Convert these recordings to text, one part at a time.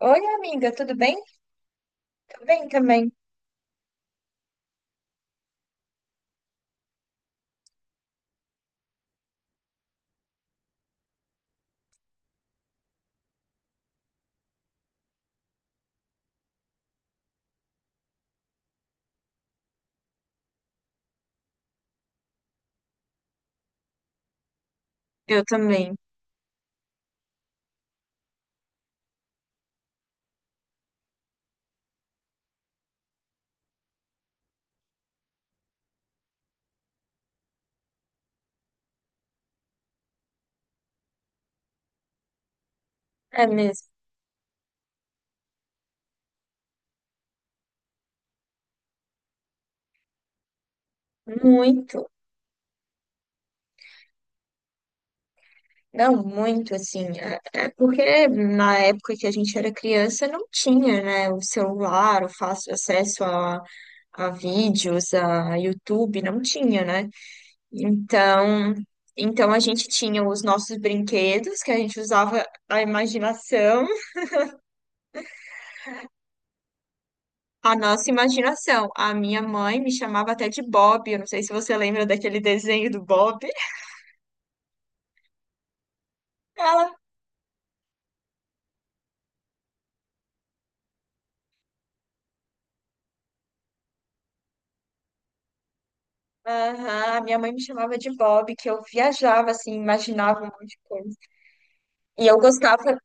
Oi, amiga, tudo bem? Tudo bem também. Eu também. É mesmo. Muito. Não, muito, assim. É, é porque na época que a gente era criança não tinha, né, o celular, o fácil acesso a vídeos, a YouTube, não tinha, né? Então, então a gente tinha os nossos brinquedos, que a gente usava a imaginação, a nossa imaginação. A minha mãe me chamava até de Bob, eu não sei se você lembra daquele desenho do Bob. Aham, minha mãe me chamava de Bob, que eu viajava assim, imaginava um monte de coisa. E eu gostava.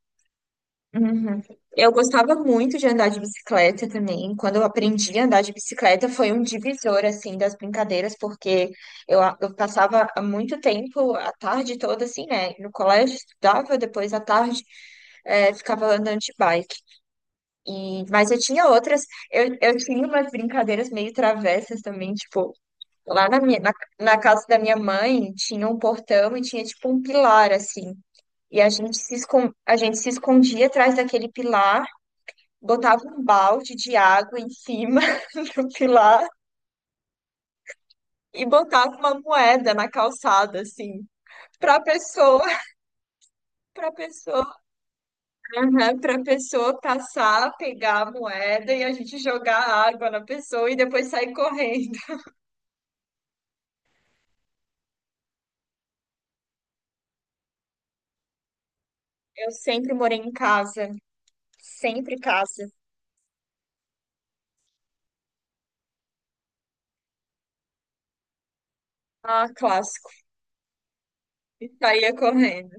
Uhum. Eu gostava muito de andar de bicicleta também. Quando eu aprendi a andar de bicicleta, foi um divisor assim das brincadeiras, porque eu, eu passava há muito tempo a tarde toda assim, né? No colégio estudava, depois à tarde ficava andando de bike. E, mas eu tinha outras, eu tinha umas brincadeiras meio travessas também, tipo lá na na casa da minha mãe tinha um portão e tinha tipo um pilar assim. E a gente se escon... a gente se escondia atrás daquele pilar, botava um balde de água em cima do pilar e botava uma moeda na calçada assim, para pessoa, para pessoa, para pessoa passar, pegar a moeda e a gente jogar água na pessoa e depois sair correndo. Eu sempre morei em casa, sempre casa. Ah, clássico. E saía correndo.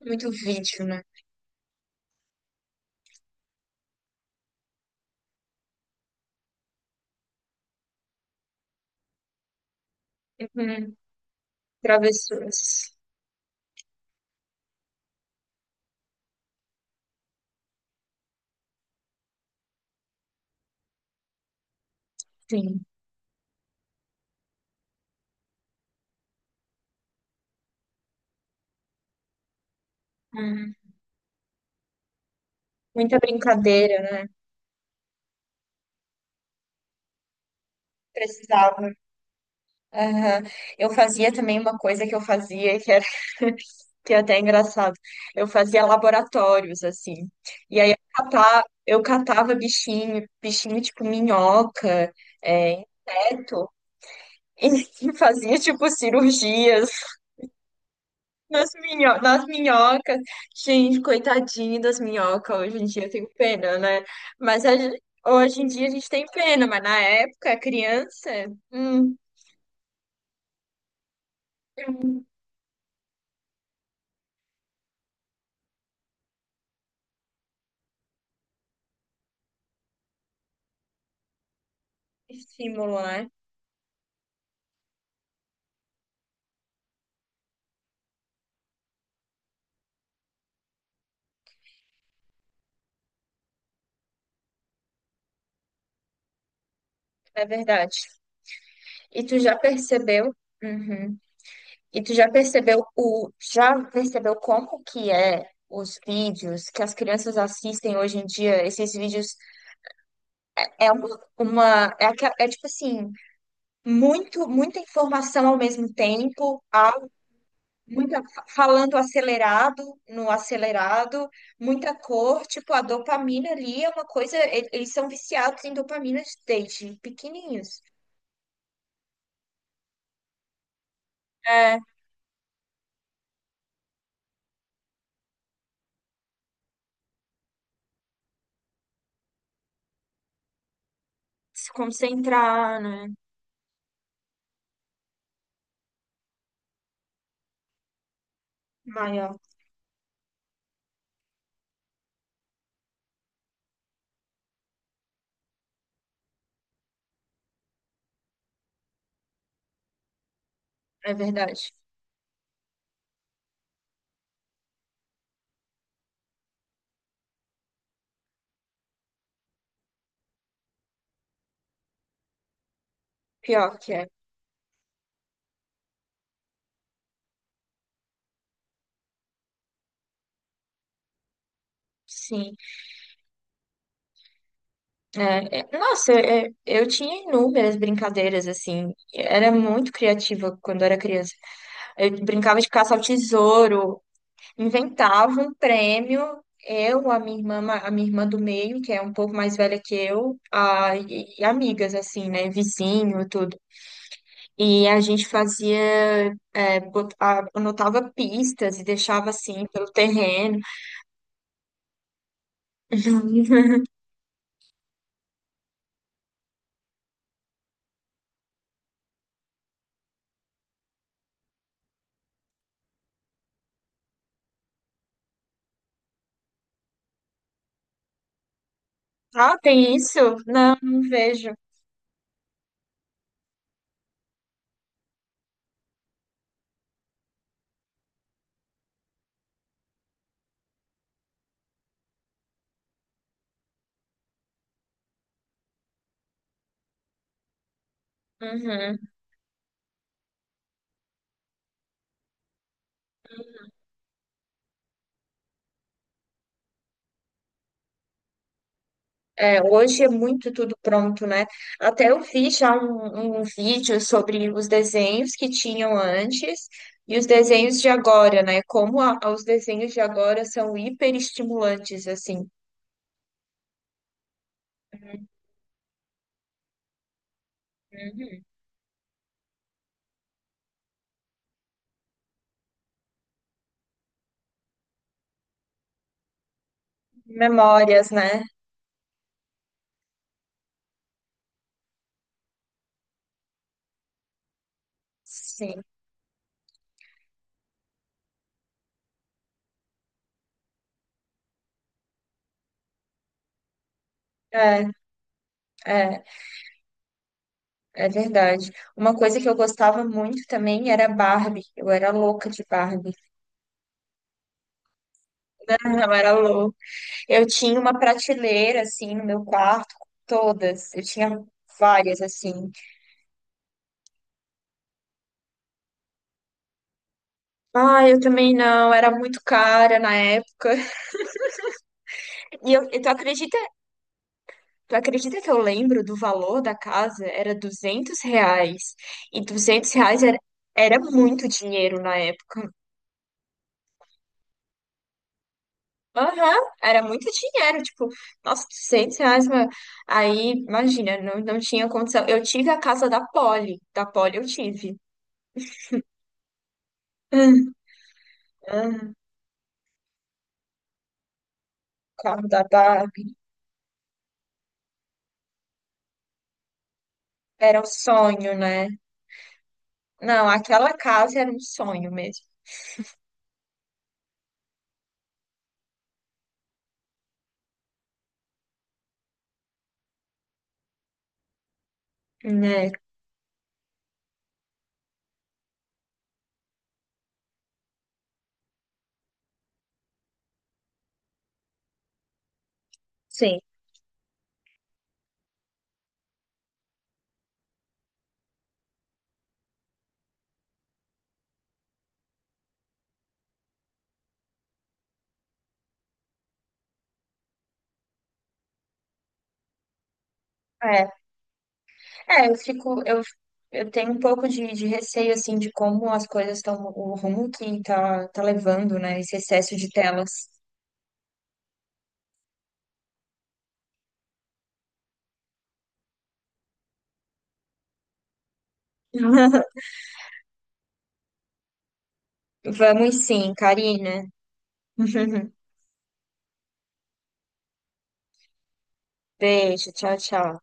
Muito vídeo, né? Uhum. Travessuras. Sim. Uhum. Muita brincadeira, né? Precisava. Aham. Eu fazia também uma coisa que eu fazia que era que é até engraçado. Eu fazia laboratórios, assim. E aí eu catava bichinho, bichinho tipo minhoca, é, inseto, e fazia tipo cirurgias. Nas nas minhocas. Gente, coitadinho das minhocas. Hoje em dia eu tenho pena, né? Mas a gen- hoje em dia a gente tem pena, mas na época, criança, hum, é um estímulo, né? É verdade. E tu já percebeu? Uhum. E tu já percebeu já percebeu como que é os vídeos que as crianças assistem hoje em dia? Esses vídeos é é, é tipo assim, muita informação ao mesmo tempo, muita falando acelerado, no acelerado, muita cor, tipo a dopamina ali é uma coisa, eles são viciados em dopamina desde pequenininhos. É, se concentrar, né? Maior, é verdade. Pior que é. Sim, nossa, eu tinha inúmeras brincadeiras assim, era muito criativa quando era criança. Eu brincava de caça ao tesouro, inventava um prêmio. Eu, a minha irmã, a minha irmã do meio, que é um pouco mais velha que eu, e amigas, assim, né? Vizinho e tudo. E a gente fazia, anotava pistas e deixava assim pelo terreno. Ah, tem isso? Não, não vejo. Uhum. É, hoje é muito tudo pronto, né? Até eu fiz já um vídeo sobre os desenhos que tinham antes e os desenhos de agora, né? Como os desenhos de agora são hiperestimulantes, assim. Uhum. Memórias, né? Sim, é, é, é verdade. Uma coisa que eu gostava muito também era Barbie. Eu era louca de Barbie. Eu era louca. Eu tinha uma prateleira, assim, no meu quarto, com todas. Eu tinha várias, assim. Ah, eu também não, era muito cara na época. E eu, e tu acredita que eu lembro do valor da casa? Era R$ 200. E R$ 200 era, era muito dinheiro na época. Aham, era muito dinheiro. Tipo, nossa, R$ 200. Aí, imagina, não tinha condição. Eu tive a casa da Polly. Da Polly eu tive. Hum, hum, o carro da Barbie. Era um sonho, né? Não, aquela casa era um sonho mesmo, né? Sim. É. É, eu fico, eu, eu tenho um pouco de receio, assim, de como as coisas estão, o rumo que tá, tá levando, né, esse excesso de telas. Vamos sim, Karina. Beijo, tchau, tchau.